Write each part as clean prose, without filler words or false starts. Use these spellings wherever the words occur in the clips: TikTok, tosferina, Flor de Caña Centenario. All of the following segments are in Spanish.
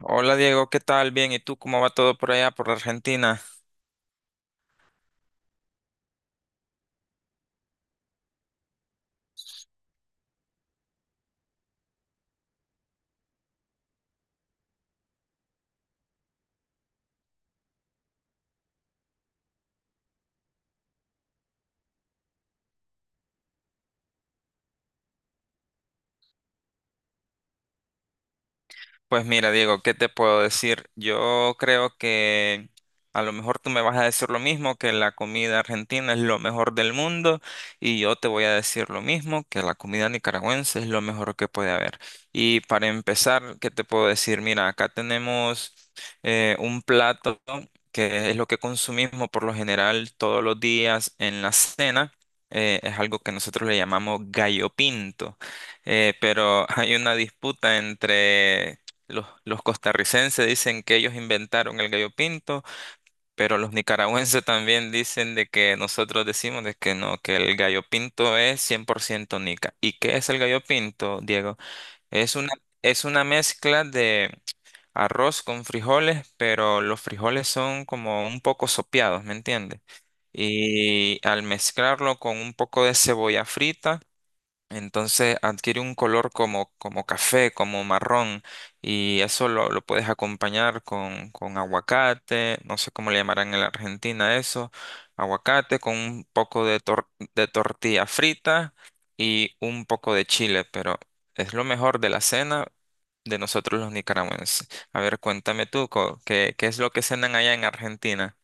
Hola Diego, ¿qué tal? Bien, ¿y tú cómo va todo por allá, por Argentina? Pues mira, Diego, ¿qué te puedo decir? Yo creo que a lo mejor tú me vas a decir lo mismo, que la comida argentina es lo mejor del mundo, y yo te voy a decir lo mismo, que la comida nicaragüense es lo mejor que puede haber. Y para empezar, ¿qué te puedo decir? Mira, acá tenemos un plato que es lo que consumimos por lo general todos los días en la cena. Es algo que nosotros le llamamos gallo pinto. Pero hay una disputa entre los costarricenses dicen que ellos inventaron el gallo pinto, pero los nicaragüenses también dicen de que nosotros decimos de que no, que el gallo pinto es 100% nica. ¿Y qué es el gallo pinto, Diego? Es una, es una mezcla de arroz con frijoles, pero los frijoles son como un poco sopeados, ¿me entiendes? Y al mezclarlo con un poco de cebolla frita, entonces adquiere un color como café, como marrón, y eso lo puedes acompañar con aguacate, no sé cómo le llamarán en la Argentina eso, aguacate con un poco de tortilla frita y un poco de chile, pero es lo mejor de la cena de nosotros los nicaragüenses. A ver, cuéntame tú, ¿qué es lo que cenan allá en Argentina?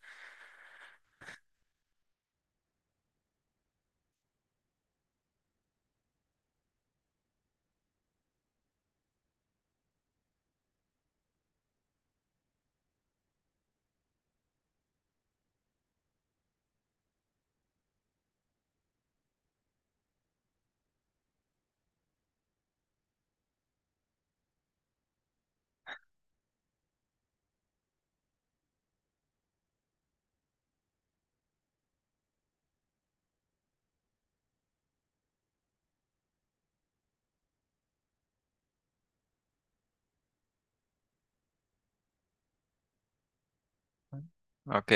Ok,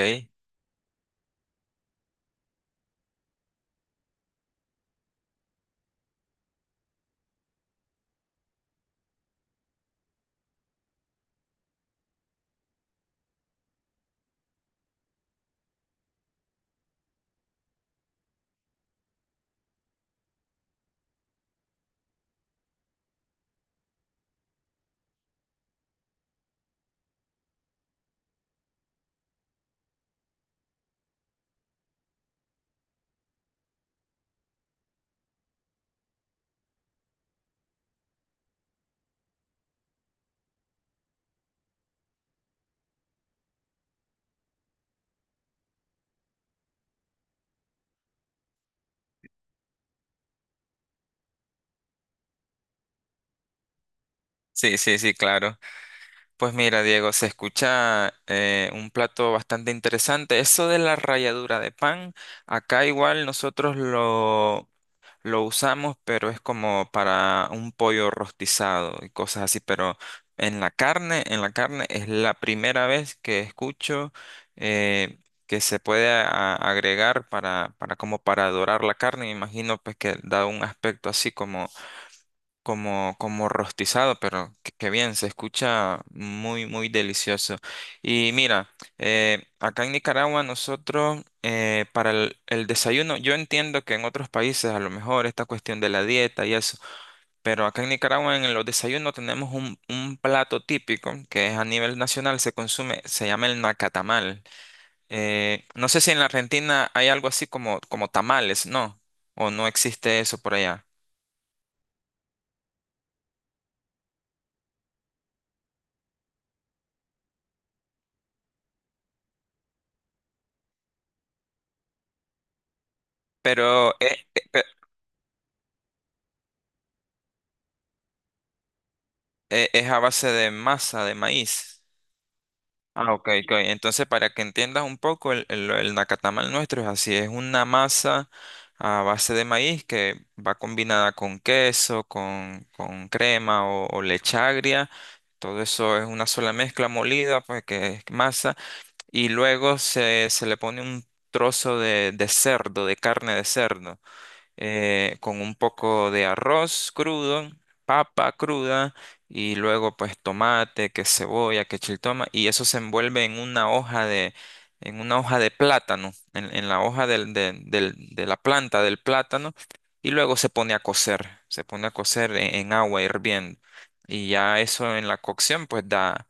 sí, sí, sí, claro. Pues mira, Diego, se escucha un plato bastante interesante. Eso de la ralladura de pan, acá igual nosotros lo usamos, pero es como para un pollo rostizado y cosas así. Pero en la carne es la primera vez que escucho eh, que se puede agregar para como para dorar la carne. Me imagino pues que da un aspecto así como rostizado, pero qué bien, se escucha muy, muy delicioso. Y mira, acá en Nicaragua nosotros para el desayuno, yo entiendo que en otros países a lo mejor esta cuestión de la dieta y eso, pero acá en Nicaragua en los desayunos tenemos un plato típico que es a nivel nacional, se consume, se llama el nacatamal. No sé si en la Argentina hay algo así como tamales, ¿no? O no existe eso por allá. Pero, es a base de masa de maíz. Ah, ok, ok. Entonces, para que entiendas un poco, el nacatamal nuestro es así, es una masa a base de maíz que va combinada con queso, con crema o leche agria. Todo eso es una sola mezcla molida, pues que es masa. Y luego se le pone un trozo de cerdo, de carne de cerdo con un poco de arroz crudo, papa cruda y luego pues tomate, que cebolla, que chiltoma y eso se envuelve en una hoja de, en una hoja de plátano, en la hoja de la planta del plátano y luego se pone a cocer, se pone a cocer en agua hirviendo y ya eso en la cocción, pues da...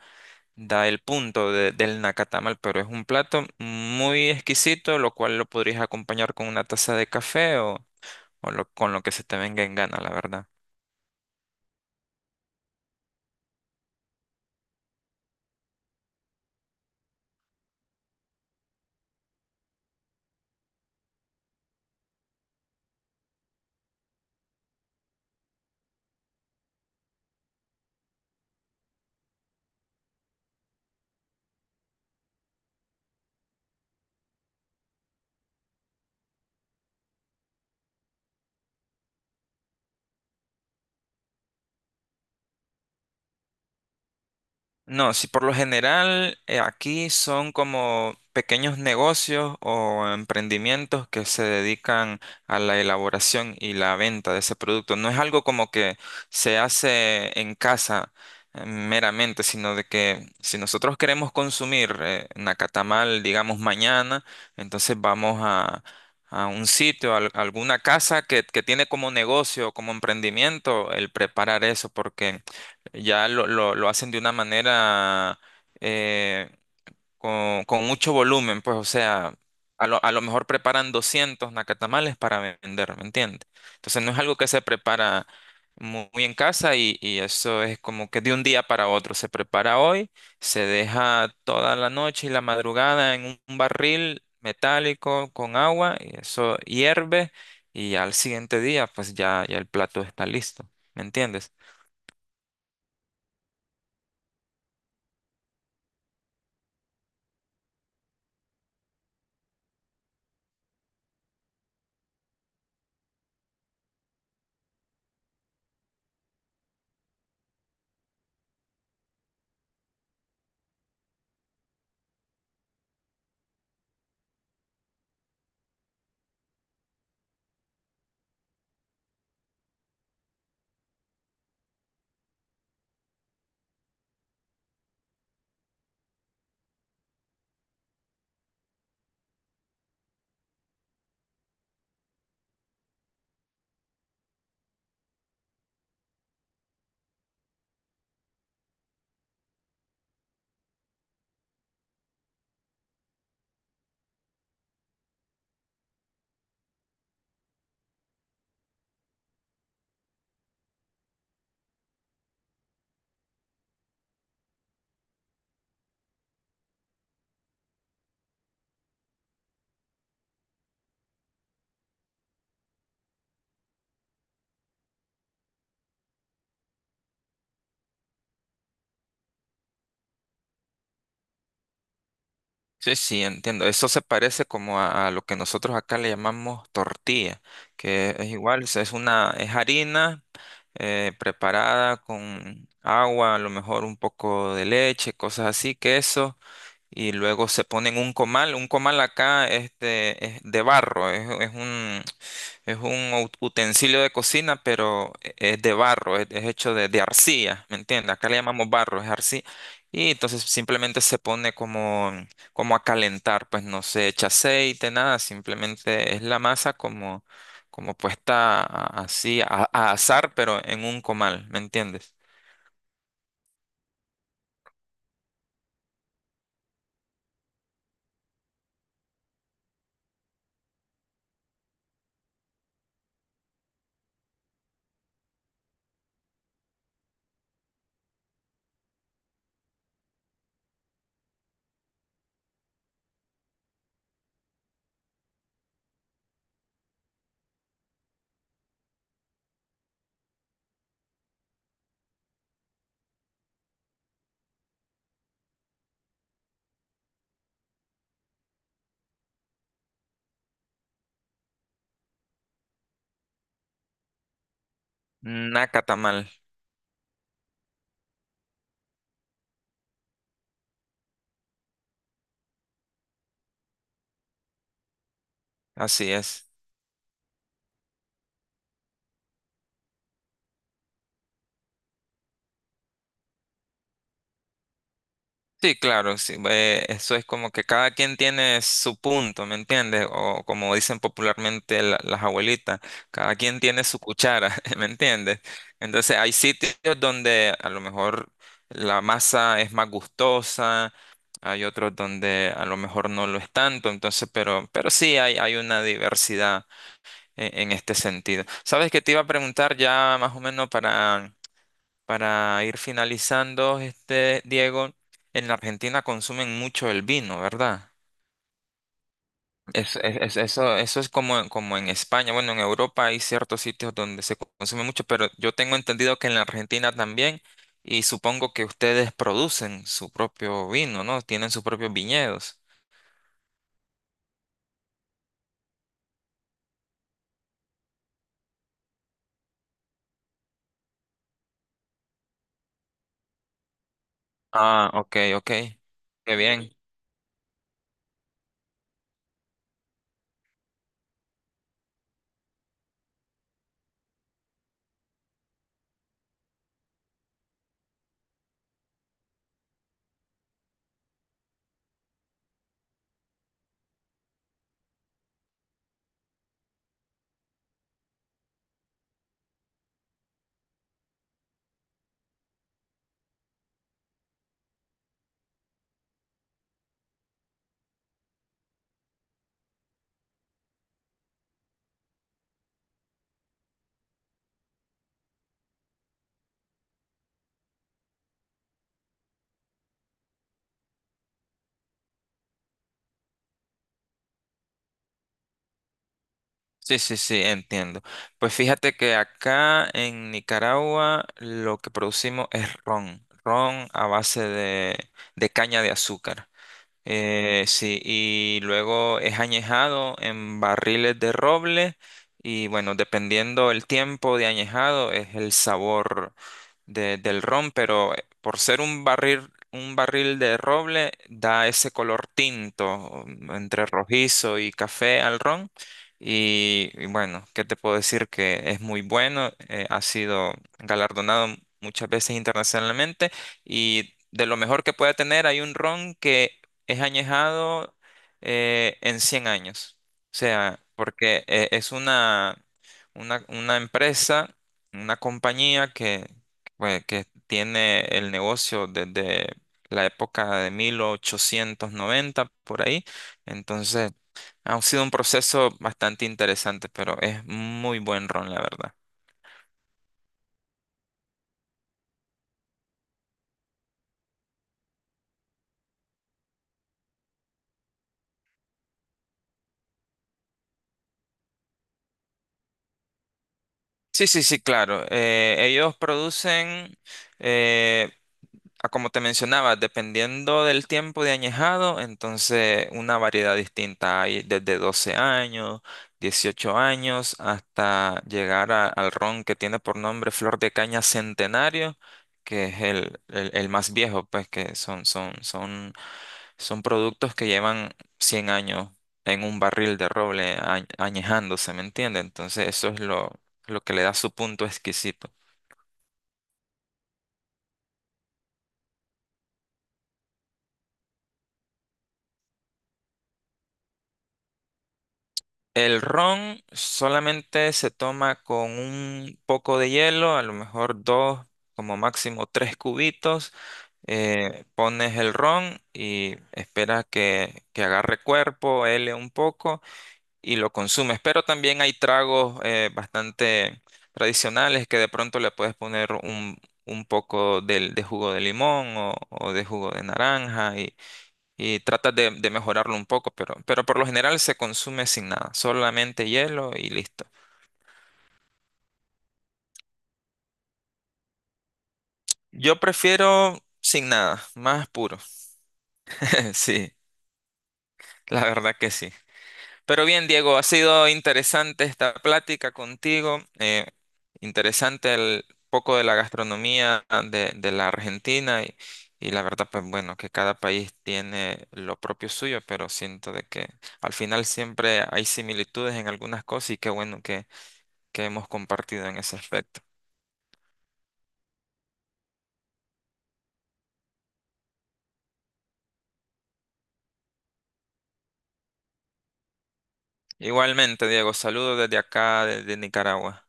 Da el punto del nacatamal, pero es un plato muy exquisito, lo cual lo podrías acompañar con una taza de café o con lo que se te venga en gana, la verdad. No, si por lo general aquí son como pequeños negocios o emprendimientos que se dedican a la elaboración y la venta de ese producto. No es algo como que se hace en casa meramente, sino de que si nosotros queremos consumir nacatamal, digamos, mañana, entonces vamos a un sitio, a alguna casa que tiene como negocio, como emprendimiento, el preparar eso, porque ya lo hacen de una manera eh, con, mucho volumen, pues o sea, a lo mejor preparan 200 nacatamales para vender, ¿me entiendes? Entonces no es algo que se prepara muy, en casa y eso es como que de un día para otro, se prepara hoy, se deja toda la noche y la madrugada en un barril metálico con agua y eso hierve y al siguiente día pues ya el plato está listo, ¿me entiendes? Sí, sí, entiendo. Eso se parece como a lo que nosotros acá le llamamos tortilla, que es igual, es harina preparada con agua, a lo mejor un poco de leche, cosas así, queso y luego se ponen un comal. Un comal acá es de barro, es un utensilio de cocina, pero es de barro, es hecho de arcilla, ¿me entiendes? Acá le llamamos barro, es arcilla. Y entonces simplemente se pone como, como, a calentar, pues no se echa aceite, nada, simplemente es la masa como puesta así a asar, pero en un comal, ¿me entiendes? Nacatamal, así es. Sí, claro, sí. Eso es como que cada quien tiene su punto, ¿me entiendes? O como dicen popularmente las abuelitas, cada quien tiene su cuchara, ¿me entiendes? Entonces hay sitios donde a lo mejor la masa es más gustosa, hay otros donde a lo mejor no lo es tanto, entonces, pero sí hay una diversidad en este sentido. ¿Sabes qué te iba a preguntar? Ya más o menos para ir finalizando, Diego, en la Argentina consumen mucho el vino, ¿verdad? Eso es como en España. Bueno, en Europa hay ciertos sitios donde se consume mucho, pero yo tengo entendido que en la Argentina también, y supongo que ustedes producen su propio vino, ¿no? Tienen sus propios viñedos. Ah, ok, ok. Qué bien. Sí, sí, sí, entiendo. Pues fíjate que acá en Nicaragua lo que producimos es ron, ron a base de caña de azúcar. Sí, y luego es añejado en barriles de roble y bueno, dependiendo el tiempo de añejado es el sabor del ron, pero por ser un barril de roble da ese color tinto, entre rojizo y café al ron. Y bueno, ¿qué te puedo decir? Que es muy bueno, ha sido galardonado muchas veces internacionalmente y de lo mejor que puede tener hay un ron que es añejado en 100 años. O sea, porque es una empresa, una compañía pues que tiene el negocio desde la época de 1890 por ahí. Entonces, ha sido un proceso bastante interesante, pero es muy buen ron, la verdad. Sí, sí, sí, claro. Ellos producen, eh, a como te mencionaba, dependiendo del tiempo de añejado, entonces una variedad distinta. Hay desde 12 años, 18 años, hasta llegar al ron que tiene por nombre Flor de Caña Centenario, que es el más viejo, pues que son productos que llevan 100 años en un barril de roble añejándose, ¿me entiendes? Entonces eso es lo que le da su punto exquisito. El ron solamente se toma con un poco de hielo, a lo mejor dos, como máximo tres cubitos. Pones el ron y esperas que agarre cuerpo, hele un poco y lo consumes. Pero también hay tragos bastante tradicionales que de pronto le puedes poner un, poco de, jugo de limón o de jugo de naranja y tratas de mejorarlo un poco, pero por lo general se consume sin nada, solamente hielo y listo. Yo prefiero sin nada, más puro. Sí, la verdad que sí. Pero bien, Diego, ha sido interesante esta plática contigo, interesante el poco de la gastronomía de la Argentina y la verdad, pues bueno, que cada país tiene lo propio suyo, pero siento de que al final siempre hay similitudes en algunas cosas y qué bueno que hemos compartido en ese aspecto. Igualmente, Diego, saludos desde acá, desde Nicaragua.